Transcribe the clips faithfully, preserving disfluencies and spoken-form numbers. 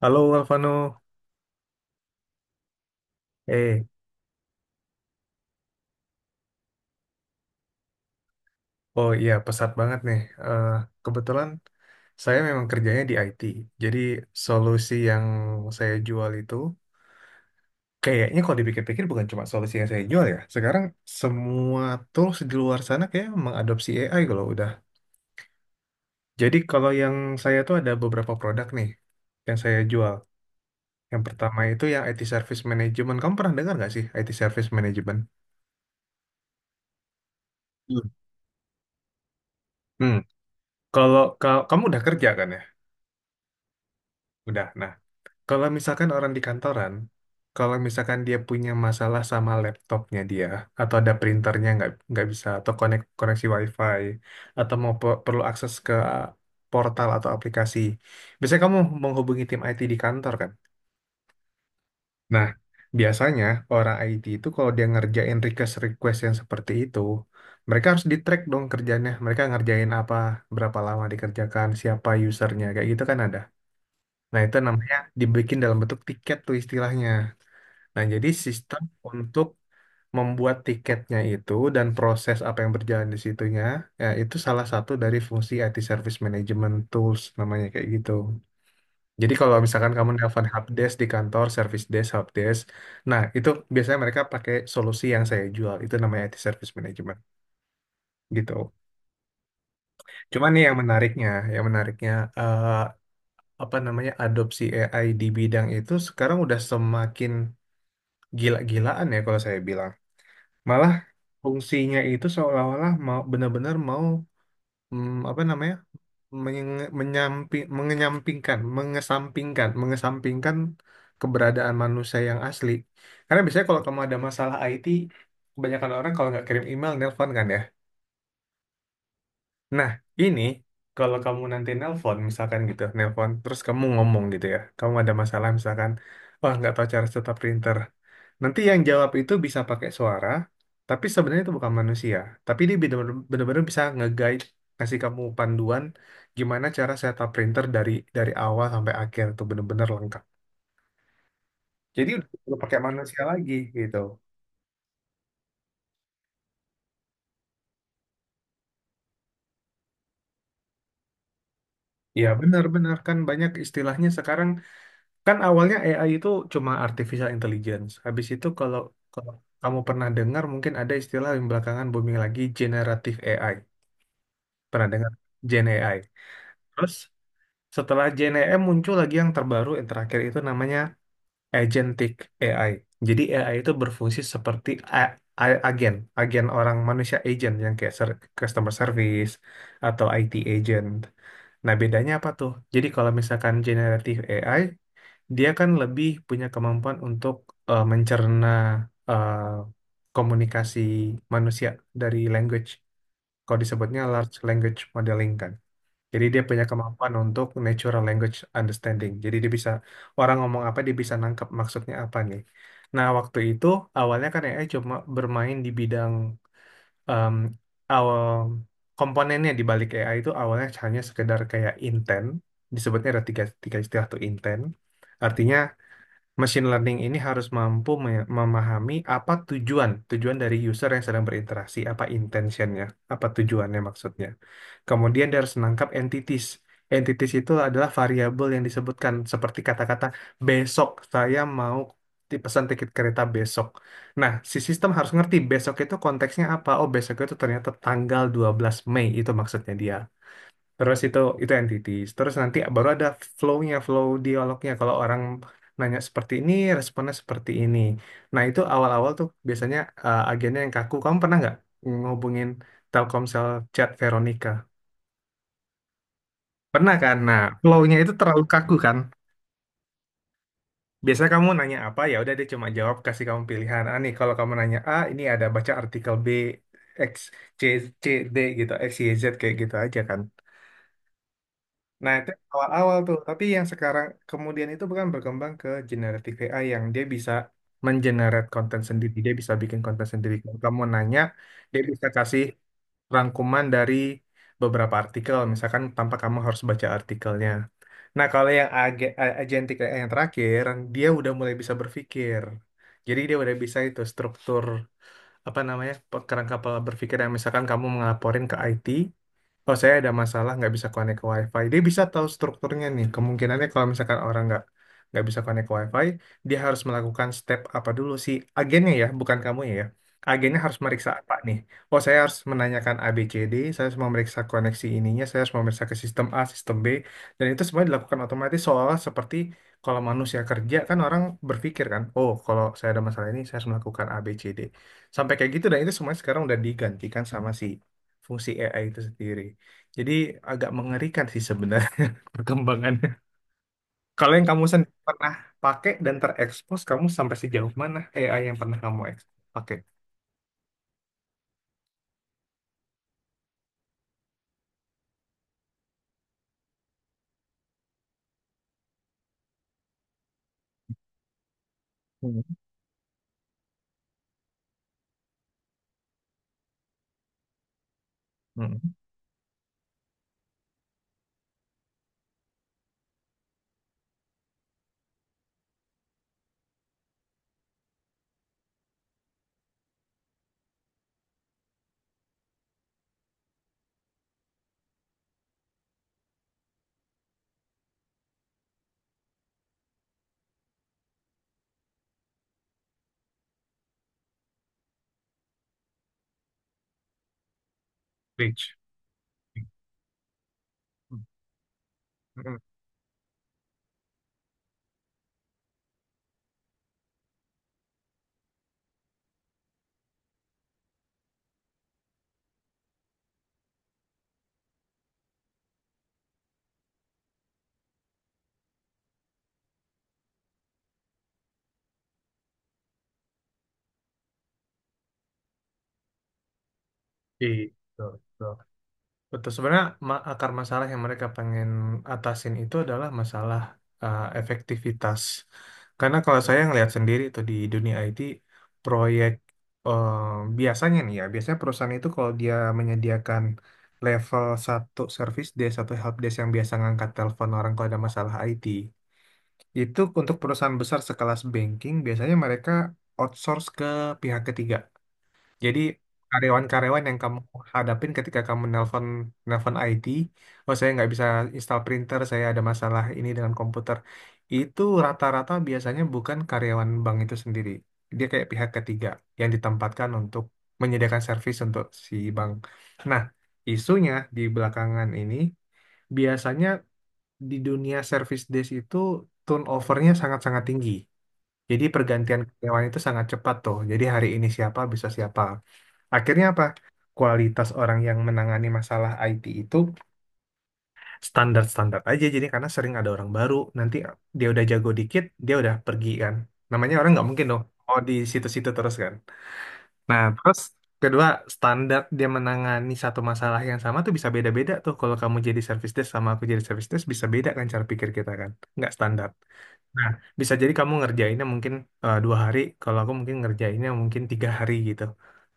Halo Alvano, eh, oh iya pesat banget nih. Eh, kebetulan saya memang kerjanya di I T, jadi solusi yang saya jual itu kayaknya kalau dipikir-pikir bukan cuma solusi yang saya jual ya. Sekarang semua tools di luar sana kayak mengadopsi A I kalau udah. Jadi kalau yang saya tuh ada beberapa produk nih yang saya jual. Yang pertama itu yang I T Service Management. Kamu pernah dengar nggak sih I T Service Management? Hmm. Hmm, kalau ka- kamu udah kerja kan ya? Udah. Nah, kalau misalkan orang di kantoran, kalau misalkan dia punya masalah sama laptopnya dia, atau ada printernya nggak nggak bisa, atau konek, koneksi WiFi, atau mau pe- perlu akses ke portal atau aplikasi, biasanya kamu menghubungi tim I T di kantor kan? Nah, biasanya orang I T itu kalau dia ngerjain request-request yang seperti itu, mereka harus di-track dong kerjanya, mereka ngerjain apa, berapa lama dikerjakan, siapa usernya, kayak gitu kan ada. Nah, itu namanya dibikin dalam bentuk tiket tuh istilahnya. Nah, jadi sistem untuk membuat tiketnya itu dan proses apa yang berjalan di situnya, ya itu salah satu dari fungsi I T Service Management Tools namanya kayak gitu. Jadi kalau misalkan kamu nelpon helpdesk di kantor, service desk, helpdesk, nah itu biasanya mereka pakai solusi yang saya jual, itu namanya I T Service Management gitu. Cuman nih yang menariknya, yang menariknya eh, apa namanya adopsi A I di bidang itu sekarang udah semakin gila-gilaan ya kalau saya bilang. Malah fungsinya itu seolah-olah mau benar-benar mau mm, apa namanya menge- menyampi- mengenyampingkan mengesampingkan mengesampingkan keberadaan manusia yang asli, karena biasanya kalau kamu ada masalah I T, kebanyakan orang kalau nggak kirim email, nelpon kan ya. Nah, ini kalau kamu nanti nelpon misalkan gitu, nelpon terus kamu ngomong gitu ya, kamu ada masalah misalkan, wah, nggak tahu cara setup printer. Nanti yang jawab itu bisa pakai suara, tapi sebenarnya itu bukan manusia. Tapi dia bener- bener-bener bisa nge-guide, kasih kamu panduan gimana cara setup printer dari dari awal sampai akhir itu bener-bener lengkap. Jadi udah nggak perlu pakai manusia lagi gitu. Ya, benar-benar kan banyak istilahnya sekarang, kan awalnya A I itu cuma artificial intelligence. Habis itu kalau kalau kamu pernah dengar, mungkin ada istilah yang belakangan booming lagi, generative A I. Pernah dengar Gen A I? Terus setelah J N E M muncul lagi yang terbaru yang terakhir itu namanya agentic A I. Jadi A I itu berfungsi seperti a- a- agen, agen orang manusia agent yang kayak ser- customer service atau I T agent. Nah, bedanya apa tuh? Jadi kalau misalkan generative A I, dia kan lebih punya kemampuan untuk eh, mencerna eh, komunikasi manusia dari language. Kalau disebutnya large language modeling kan. Jadi dia punya kemampuan untuk natural language understanding. Jadi dia bisa orang ngomong apa dia bisa nangkep maksudnya apa nih. Nah, waktu itu awalnya kan A I cuma bermain di bidang em, awal komponennya di balik A I itu awalnya hanya sekedar kayak intent. Disebutnya ada tiga, tiga istilah tuh intent. Artinya machine learning ini harus mampu me- memahami apa tujuan, tujuan dari user yang sedang berinteraksi, apa intentionnya, apa tujuannya maksudnya. Kemudian dia harus menangkap entities. Entities itu adalah variabel yang disebutkan seperti kata-kata besok saya mau dipesan tiket kereta besok. Nah, si sistem harus ngerti besok itu konteksnya apa. Oh, besok itu ternyata tanggal dua belas Mei itu maksudnya dia. Terus itu itu entities. Terus nanti baru ada flow-nya, flow dialognya. Kalau orang nanya seperti ini, responnya seperti ini. Nah, itu awal-awal tuh biasanya eh, agennya yang kaku. Kamu pernah nggak ngubungin Telkomsel chat Veronica? Pernah kan? Nah, flow-nya itu terlalu kaku kan? Biasanya kamu nanya apa, ya udah dia cuma jawab, kasih kamu pilihan. Ah, nih, kalau kamu nanya A, ini ada baca artikel B, X, C, C, D gitu, X, Y, Z kayak gitu aja kan. Nah, itu awal-awal tuh. Tapi yang sekarang kemudian itu bukan berkembang ke generative A I yang dia bisa mengenerate konten sendiri. Dia bisa bikin konten sendiri. Kalau kamu nanya, dia bisa kasih rangkuman dari beberapa artikel, misalkan tanpa kamu harus baca artikelnya. Nah, kalau yang ag- a- agentic A I yang terakhir, dia udah mulai bisa berpikir. Jadi dia udah bisa itu struktur apa namanya pe- kerangka pola berpikir yang misalkan kamu ngelaporin ke I T, oh saya ada masalah nggak bisa connect ke WiFi. Dia bisa tahu strukturnya nih. Kemungkinannya kalau misalkan orang nggak nggak bisa connect ke WiFi, dia harus melakukan step apa dulu si agennya ya, bukan kamu ya. Agennya harus meriksa apa nih? Oh, saya harus menanyakan A B C D. Saya harus memeriksa koneksi ininya, saya harus memeriksa ke sistem A, sistem B, dan itu semua dilakukan otomatis seolah seperti kalau manusia kerja kan orang berpikir kan, oh kalau saya ada masalah ini saya harus melakukan A B C D. Sampai kayak gitu dan itu semuanya sekarang udah digantikan sama si fungsi A I itu sendiri. Jadi agak mengerikan sih sebenarnya perkembangannya. Kalau yang kamu sendiri pernah pakai dan terekspos, kamu sampai sejauh mana A I yang pernah kamu eks- pakai? Hmm. Hmm. Reach. Hmm. Hmm. Gitu. Betul, sebenarnya ma- akar masalah yang mereka pengen atasin itu adalah masalah uh, efektivitas. Karena kalau saya ngelihat sendiri tuh di dunia I T, proyek uh, biasanya nih ya, biasanya perusahaan itu kalau dia menyediakan level satu service desk, satu help desk yang biasa ngangkat telepon orang kalau ada masalah I T, itu untuk perusahaan besar sekelas banking biasanya mereka outsource ke pihak ketiga. Jadi karyawan-karyawan yang kamu hadapin ketika kamu nelpon nelpon I T, oh saya nggak bisa install printer, saya ada masalah ini dengan komputer. Itu rata-rata biasanya bukan karyawan bank itu sendiri. Dia kayak pihak ketiga yang ditempatkan untuk menyediakan servis untuk si bank. Nah, isunya di belakangan ini biasanya di dunia service desk itu turnovernya sangat-sangat tinggi. Jadi pergantian karyawan itu sangat cepat tuh. Jadi hari ini siapa bisa siapa. Akhirnya apa? Kualitas orang yang menangani masalah I T itu standar-standar aja. Jadi karena sering ada orang baru, nanti dia udah jago dikit, dia udah pergi kan. Namanya orang nggak mungkin dong. Oh di situ-situ terus kan. Nah terus kedua standar dia menangani satu masalah yang sama tuh bisa beda-beda tuh. Kalau kamu jadi service desk sama aku jadi service desk bisa beda kan cara pikir kita kan. Nggak standar. Nah, bisa jadi kamu ngerjainnya mungkin eh, dua hari, kalau aku mungkin ngerjainnya mungkin tiga hari gitu.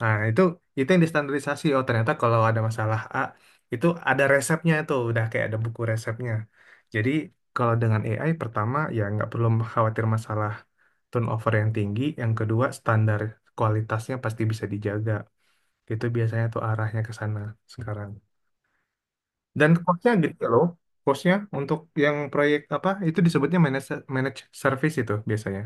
Nah, itu itu yang distandarisasi. Oh, ternyata kalau ada masalah A, itu ada resepnya itu, udah kayak ada buku resepnya. Jadi, kalau dengan A I, pertama, ya nggak perlu khawatir masalah turnover yang tinggi. Yang kedua, standar kualitasnya pasti bisa dijaga. Itu biasanya tuh arahnya ke sana sekarang. Dan cost-nya gede loh. Cost-nya untuk yang proyek apa, itu disebutnya managed managed service itu biasanya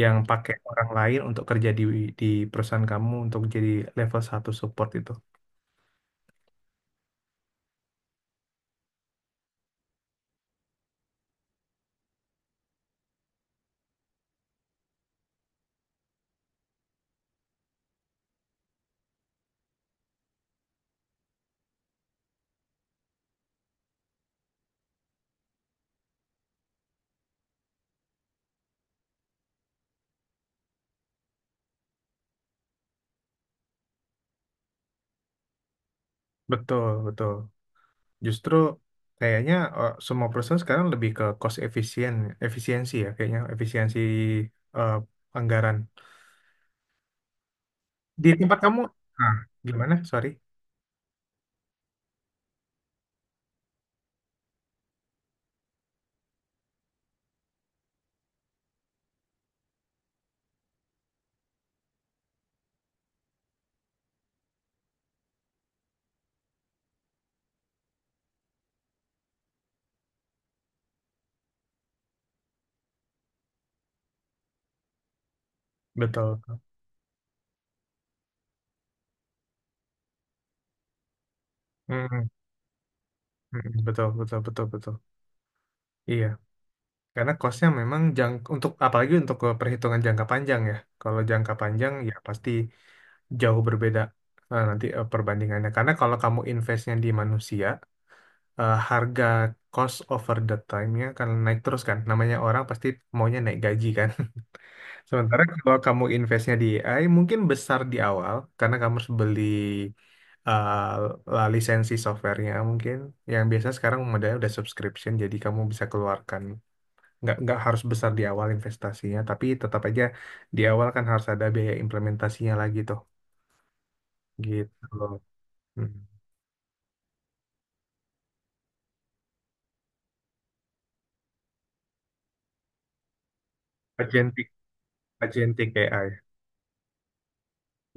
yang pakai orang lain untuk kerja di di perusahaan kamu untuk jadi level satu support itu. Betul, betul. Justru kayaknya eh, semua perusahaan sekarang lebih ke cost efisien, efisiensi ya kayaknya efisiensi eh, anggaran. Di tempat kamu, ah, gimana? Sorry. Betul. Mm, mm, betul, betul, betul, betul. Iya. Karena costnya memang jang untuk apalagi untuk ke perhitungan jangka panjang ya. Kalau jangka panjang ya pasti jauh berbeda eh, nanti eh, perbandingannya. Karena kalau kamu investnya di manusia, eh, harga cost over the time-nya akan naik terus kan. Namanya orang pasti maunya naik gaji kan. Sementara kalau kamu investnya di A I mungkin besar di awal karena kamu harus beli eh, lisensi softwarenya mungkin yang biasa sekarang modelnya udah subscription jadi kamu bisa keluarkan nggak nggak harus besar di awal investasinya, tapi tetap aja di awal kan harus ada biaya implementasinya lagi tuh, gitu loh. Hmm. Agentic, agentic A I,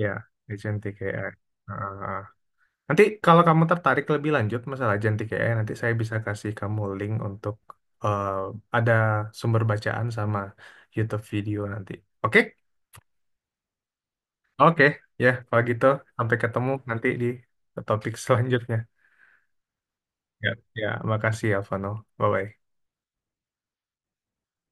ya, agentic A I. Ah. Nanti kalau kamu tertarik lebih lanjut masalah agentic A I, nanti saya bisa kasih kamu link untuk eh, ada sumber bacaan sama YouTube video nanti. Oke? Oke, ya, kalau gitu sampai ketemu nanti di topik selanjutnya. Ya, ya, makasih ya, Vano. Bye-bye.